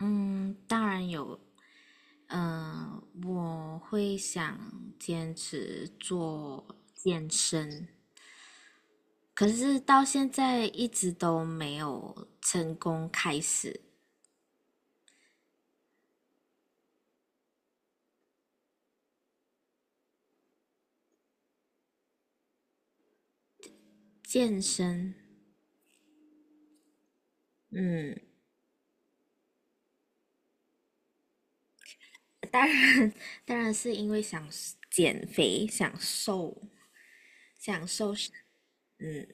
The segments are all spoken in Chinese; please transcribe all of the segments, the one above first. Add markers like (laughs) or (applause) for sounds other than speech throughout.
嗯，当然有。嗯、我会想坚持做健身，可是到现在一直都没有成功开始健身。嗯，当然，当然是因为想减肥、想瘦、想瘦身。嗯，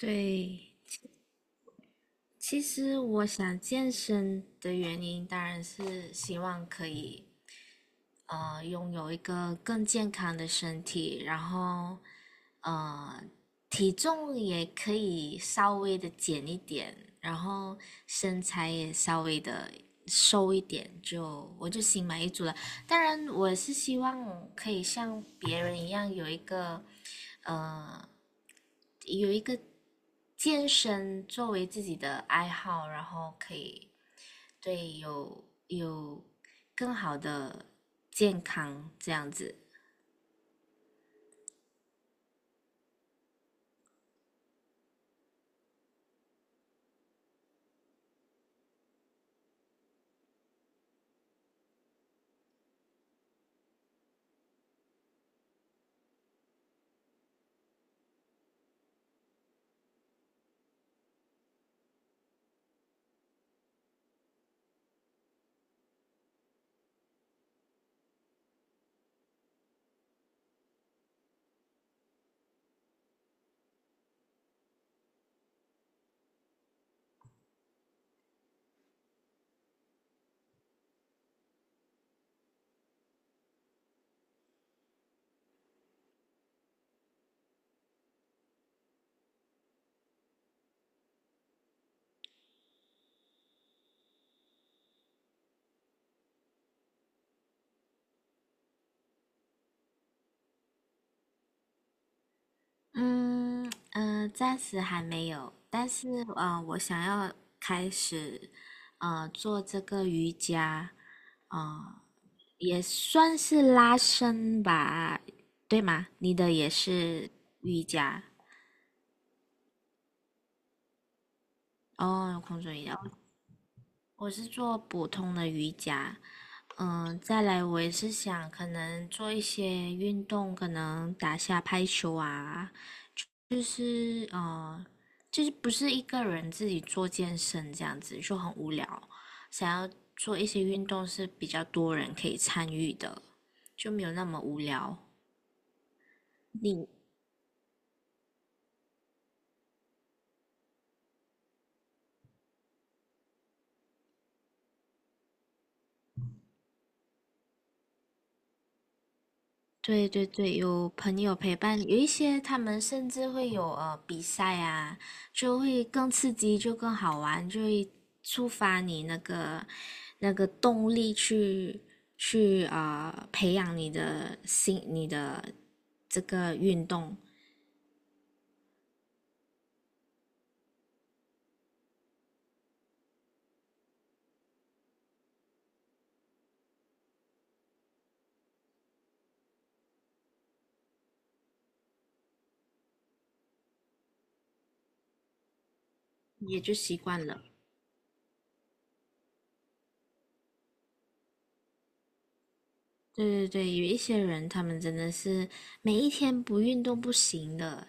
对。其实我想健身的原因，当然是希望可以拥有一个更健康的身体，然后呃体重也可以稍微的减一点，然后身材也稍微的瘦一点，就我就心满意足了。当然，我是希望可以像别人一样有一个呃有一个健身作为自己的爱好，然后可以对有有更好的健康这样子。嗯。嗯，暂时还没有，但是我想要开始做这个瑜伽，啊，也算是拉伸吧，对吗？你的也是瑜伽。哦，空中瑜伽，我是做普通的瑜伽。嗯，再来我也是想可能做一些运动，可能打下拍球啊，就是呃，就是不是一个人自己做健身这样子就很无聊，想要做一些运动是比较多人可以参与的，就没有那么无聊。你对对对，有朋友陪伴，有一些他们甚至会有比赛啊，就会更刺激，就更好玩，就会触发你那个动力去去培养你的心，你的这个运动。也就习惯了。对对对，有一些人他们真的是每一天不运动不行的，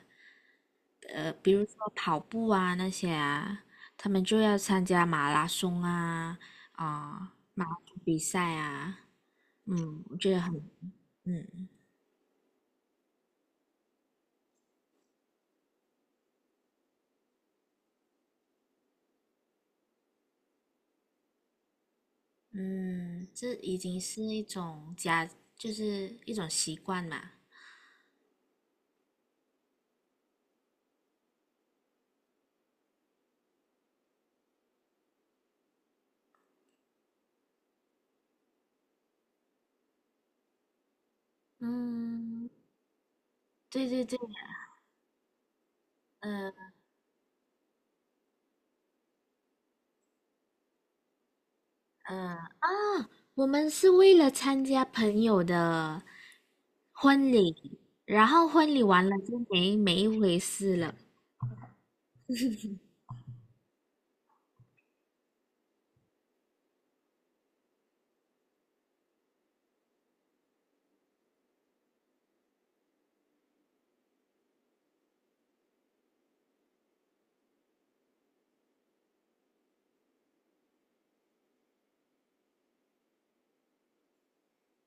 呃，比如说跑步啊那些啊，他们就要参加马拉松啊，啊、马拉松比赛啊，嗯，我觉得很，嗯。嗯，这已经是一种家，就是一种习惯嘛。嗯，对对对，呃呃，我们是为了参加朋友的婚礼，然后婚礼完了就没一回事了，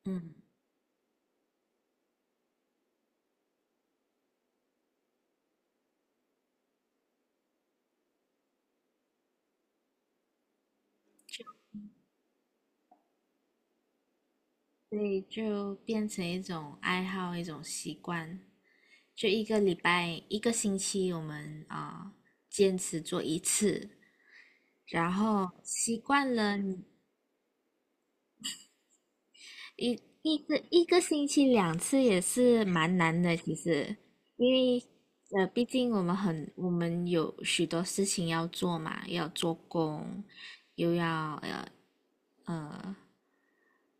嗯，所以就变成一种爱好，一种习惯。就一个礼拜、一个星期，我们坚持做一次，然后习惯了一一个星期两次也是蛮难的，其实，因为呃，毕竟我们有许多事情要做嘛，要做工，又要呃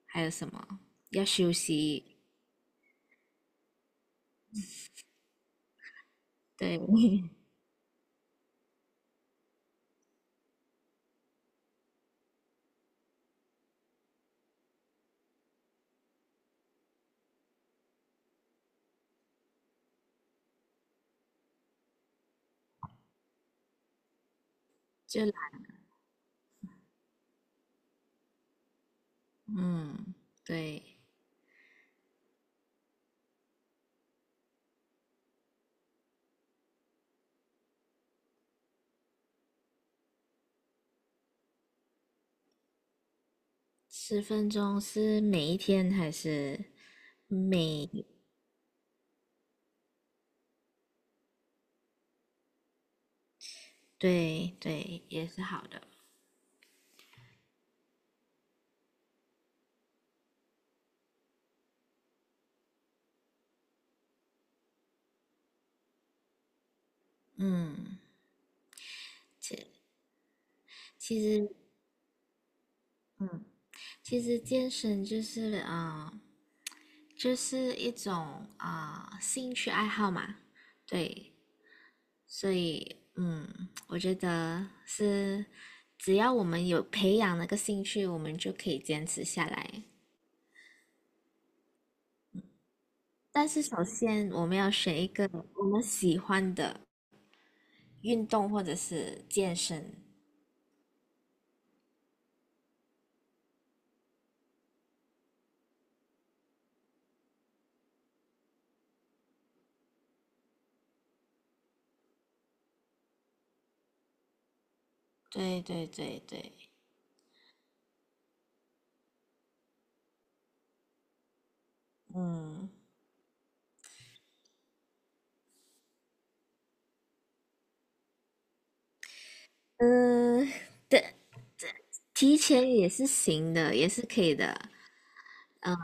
还有什么？要休息，对，(laughs) 就来，嗯，对，10分钟是每一天还是每？对对，也是好的，嗯，其其实，嗯，其实健身就是就是一种兴趣爱好嘛，对，所以，嗯，我觉得是，只要我们有培养那个兴趣，我们就可以坚持下来。但是首先我们要选一个我们喜欢的运动或者是健身。对对对对，嗯。嗯，对，提前也是行的，也是可以的。嗯，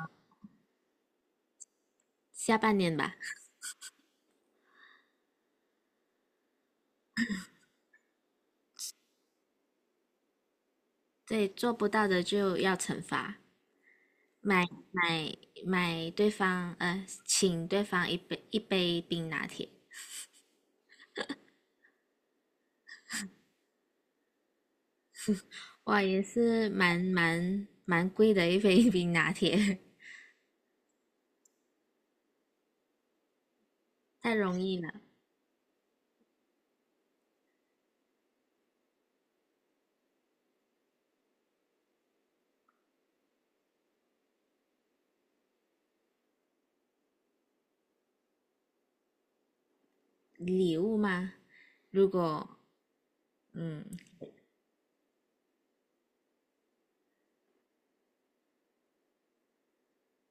下半年吧。对，做不到的就要惩罚，买买买对方，呃，请对方一杯冰拿铁。哇，也是蛮贵的一杯 (laughs) 冰拿铁，(laughs) 太容易了。礼物吗？如果嗯，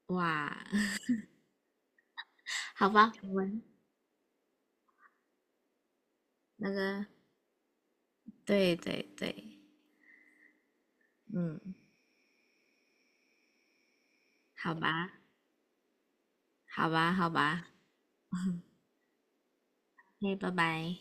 哇，(laughs) 好吧，我们那个，对对对，嗯，好吧，好吧，好吧，嘿，拜拜。